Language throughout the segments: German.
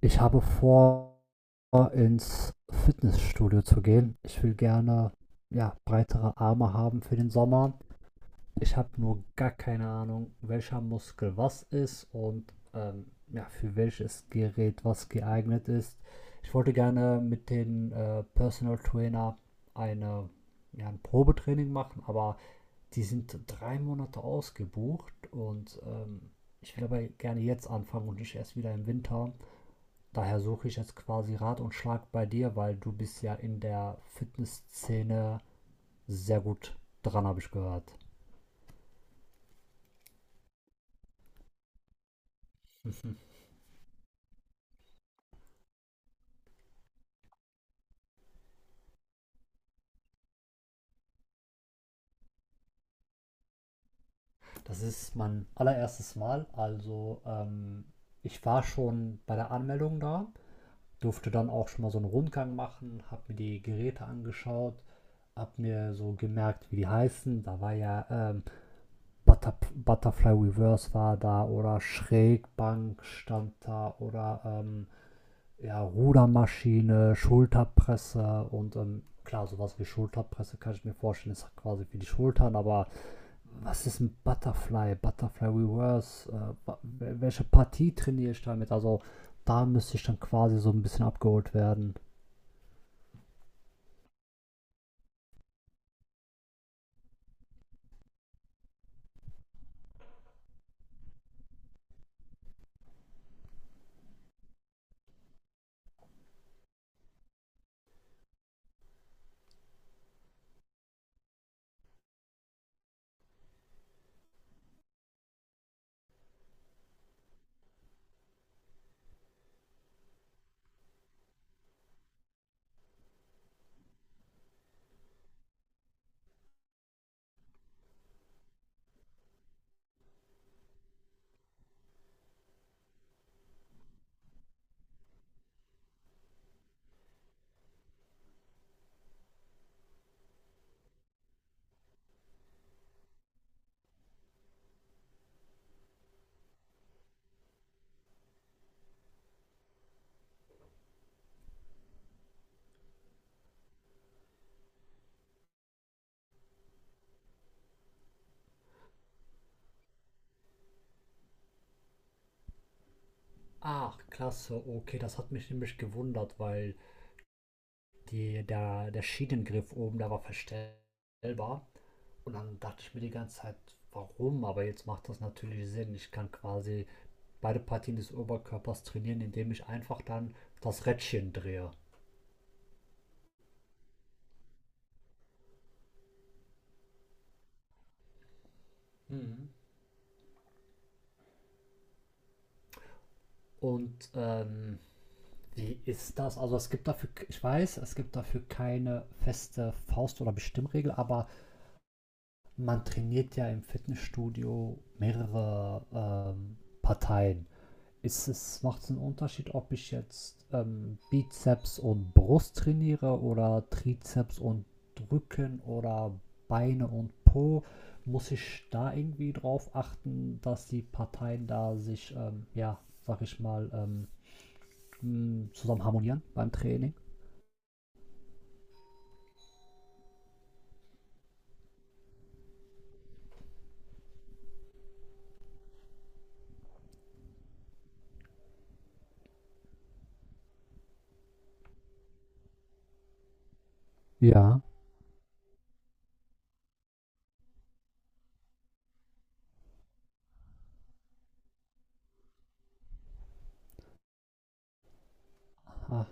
Ich habe vor, ins Fitnessstudio zu gehen. Ich will gerne ja, breitere Arme haben für den Sommer. Ich habe nur gar keine Ahnung, welcher Muskel was ist und ja, für welches Gerät was geeignet ist. Ich wollte gerne mit dem Personal Trainer eine, ja, ein Probetraining machen, aber die sind 3 Monate ausgebucht und ich will aber gerne jetzt anfangen und nicht erst wieder im Winter. Daher suche ich jetzt quasi Rat und Schlag bei dir, weil du bist ja in der Fitnessszene sehr gut dran, habe ich gehört. Das ist mein allererstes Mal. Also ich war schon bei der Anmeldung da, durfte dann auch schon mal so einen Rundgang machen, habe mir die Geräte angeschaut, habe mir so gemerkt, wie die heißen. Da war ja ähm, Butterfly Reverse war da oder Schrägbank stand da oder ja, Rudermaschine, Schulterpresse und klar, sowas wie Schulterpresse kann ich mir vorstellen, ist quasi für die Schultern, aber was ist ein Butterfly, Butterfly Reverse, welche Partie trainiere ich damit? Also da müsste ich dann quasi so ein bisschen abgeholt werden. Ach, klasse, okay, das hat mich nämlich gewundert, weil der Schienengriff oben, der war verstellbar und dann dachte ich mir die ganze Zeit, warum? Aber jetzt macht das natürlich Sinn. Ich kann quasi beide Partien des Oberkörpers trainieren, indem ich einfach dann das Rädchen drehe. Mhm. Und wie ist das? Also es gibt dafür, ich weiß, es gibt dafür keine feste Faust- oder Bestimmregel, aber man trainiert ja im Fitnessstudio mehrere Parteien. Macht es einen Unterschied, ob ich jetzt Bizeps und Brust trainiere oder Trizeps und Rücken oder Beine und Po? Muss ich da irgendwie drauf achten, dass die Parteien da sich, ja, sag ich mal, zusammen harmonieren beim Training? Ja. Aha.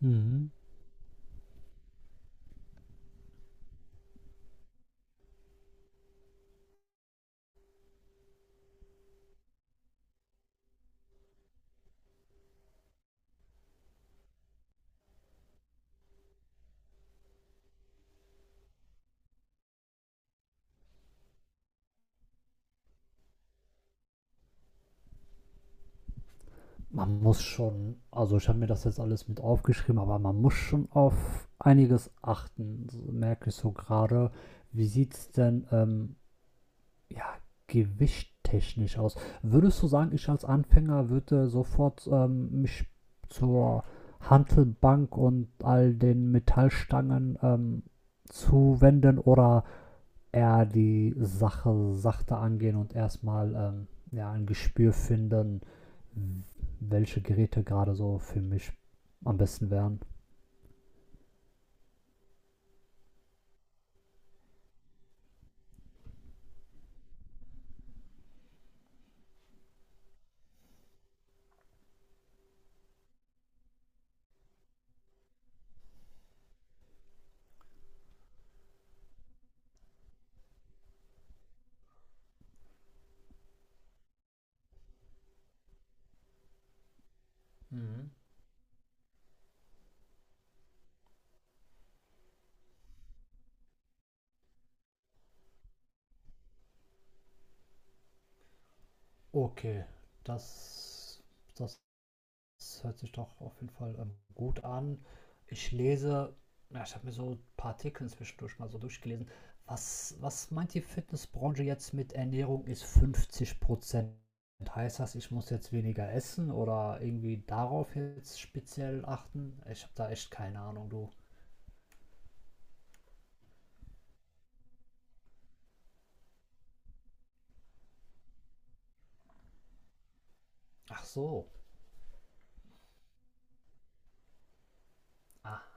Mhm. Man muss schon, also ich habe mir das jetzt alles mit aufgeschrieben, aber man muss schon auf einiges achten, so merke ich so gerade. Wie sieht es denn ja, gewichttechnisch aus? Würdest du sagen, ich als Anfänger würde sofort mich zur Hantelbank und all den Metallstangen zuwenden oder eher die Sache sachte angehen und erstmal ja, ein Gespür finden, welche Geräte gerade so für mich am besten wären? Mhm. Okay, das, das Das hört sich doch auf jeden Fall gut an. Ich lese, ja, ich habe mir so ein paar Artikel zwischendurch mal so durchgelesen. Was meint die Fitnessbranche jetzt mit Ernährung ist 50%? Heißt das, ich muss jetzt weniger essen oder irgendwie darauf jetzt speziell achten? Ich habe da echt keine Ahnung, du. Ach so. Ah.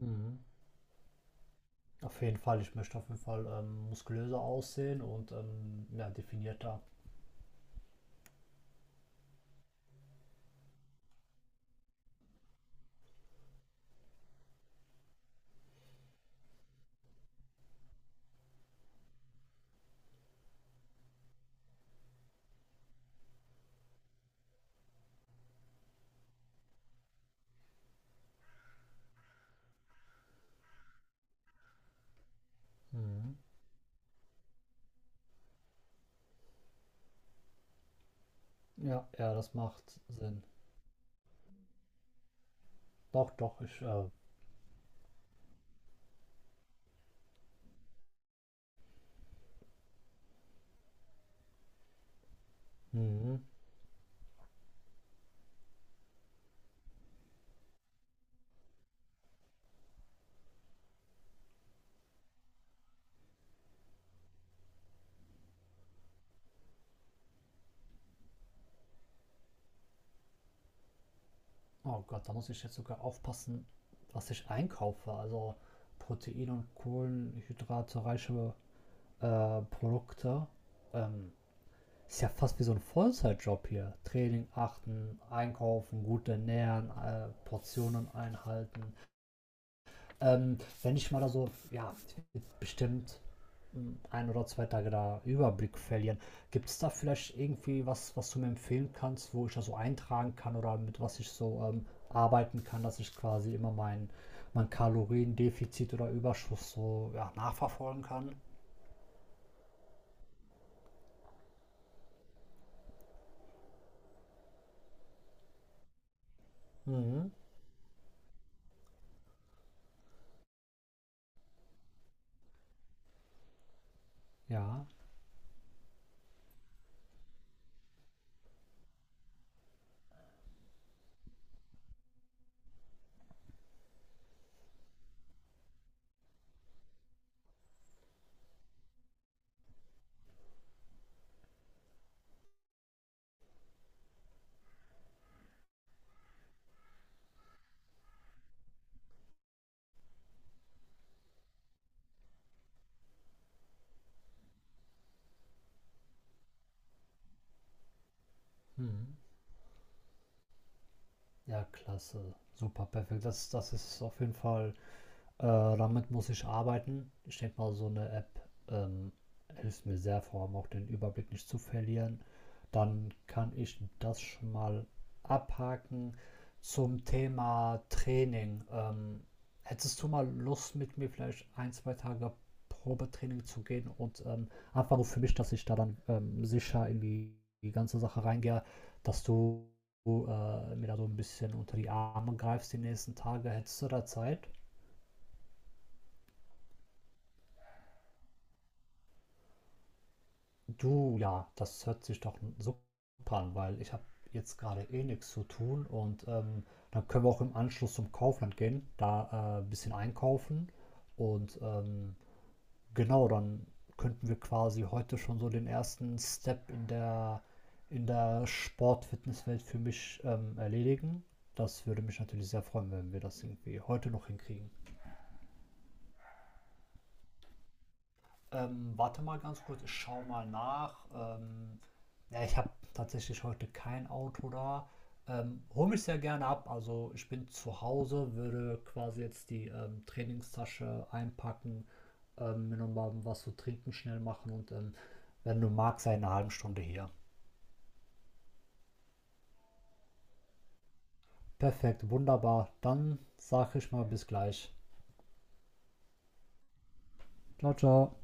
Mhm. Auf jeden Fall, ich möchte auf jeden Fall muskulöser aussehen und ja, definierter. Mhm. Ja, ja, das macht Sinn. Doch, doch, ich. Mhm. Oh Gott, da muss ich jetzt sogar aufpassen, was ich einkaufe. Also Protein- und Kohlenhydrate-reiche Produkte. Ähm, Ist ja fast wie so ein Vollzeitjob hier. Training achten, einkaufen, gut ernähren, Portionen einhalten. Wenn ich mal da so, ja, bestimmt 1 oder 2 Tage da Überblick verlieren. Gibt es da vielleicht irgendwie was, was du mir empfehlen kannst, wo ich da so eintragen kann oder mit was ich so arbeiten kann, dass ich quasi immer mein Kaloriendefizit oder Überschuss so ja, nachverfolgen kann? Mhm. Ja. Mhm. Ja, klasse. Super, perfekt. Das ist auf jeden Fall, äh, damit muss ich arbeiten. Ich denke mal, so eine App ähm, hilft mir sehr, vor allem auch den Überblick nicht zu verlieren. Dann kann ich das schon mal abhaken. Zum Thema Training. Hättest du mal Lust, mit mir vielleicht 1, 2 Tage Probetraining zu gehen und einfach nur für mich, dass ich da dann sicher in die ganze Sache reingehe, dass du mir da so ein bisschen unter die Arme greifst die nächsten Tage? Hättest du da Zeit? Du, ja, das hört sich doch super an, weil ich habe jetzt gerade eh nichts zu tun und dann können wir auch im Anschluss zum Kaufland gehen, da ein bisschen einkaufen und genau, dann könnten wir quasi heute schon so den ersten Step in der Sport-Fitness-Welt für mich erledigen. Das würde mich natürlich sehr freuen, wenn wir das irgendwie heute noch hinkriegen. Warte mal ganz kurz, ich schaue mal nach. Ja, ich habe tatsächlich heute kein Auto da. Hole mich sehr gerne ab. Also ich bin zu Hause, würde quasi jetzt die Trainingstasche einpacken, mir nochmal was zu trinken schnell machen und wenn du magst, sei in einer halben Stunde hier. Perfekt, wunderbar. Dann sage ich mal bis gleich. Ciao, ciao.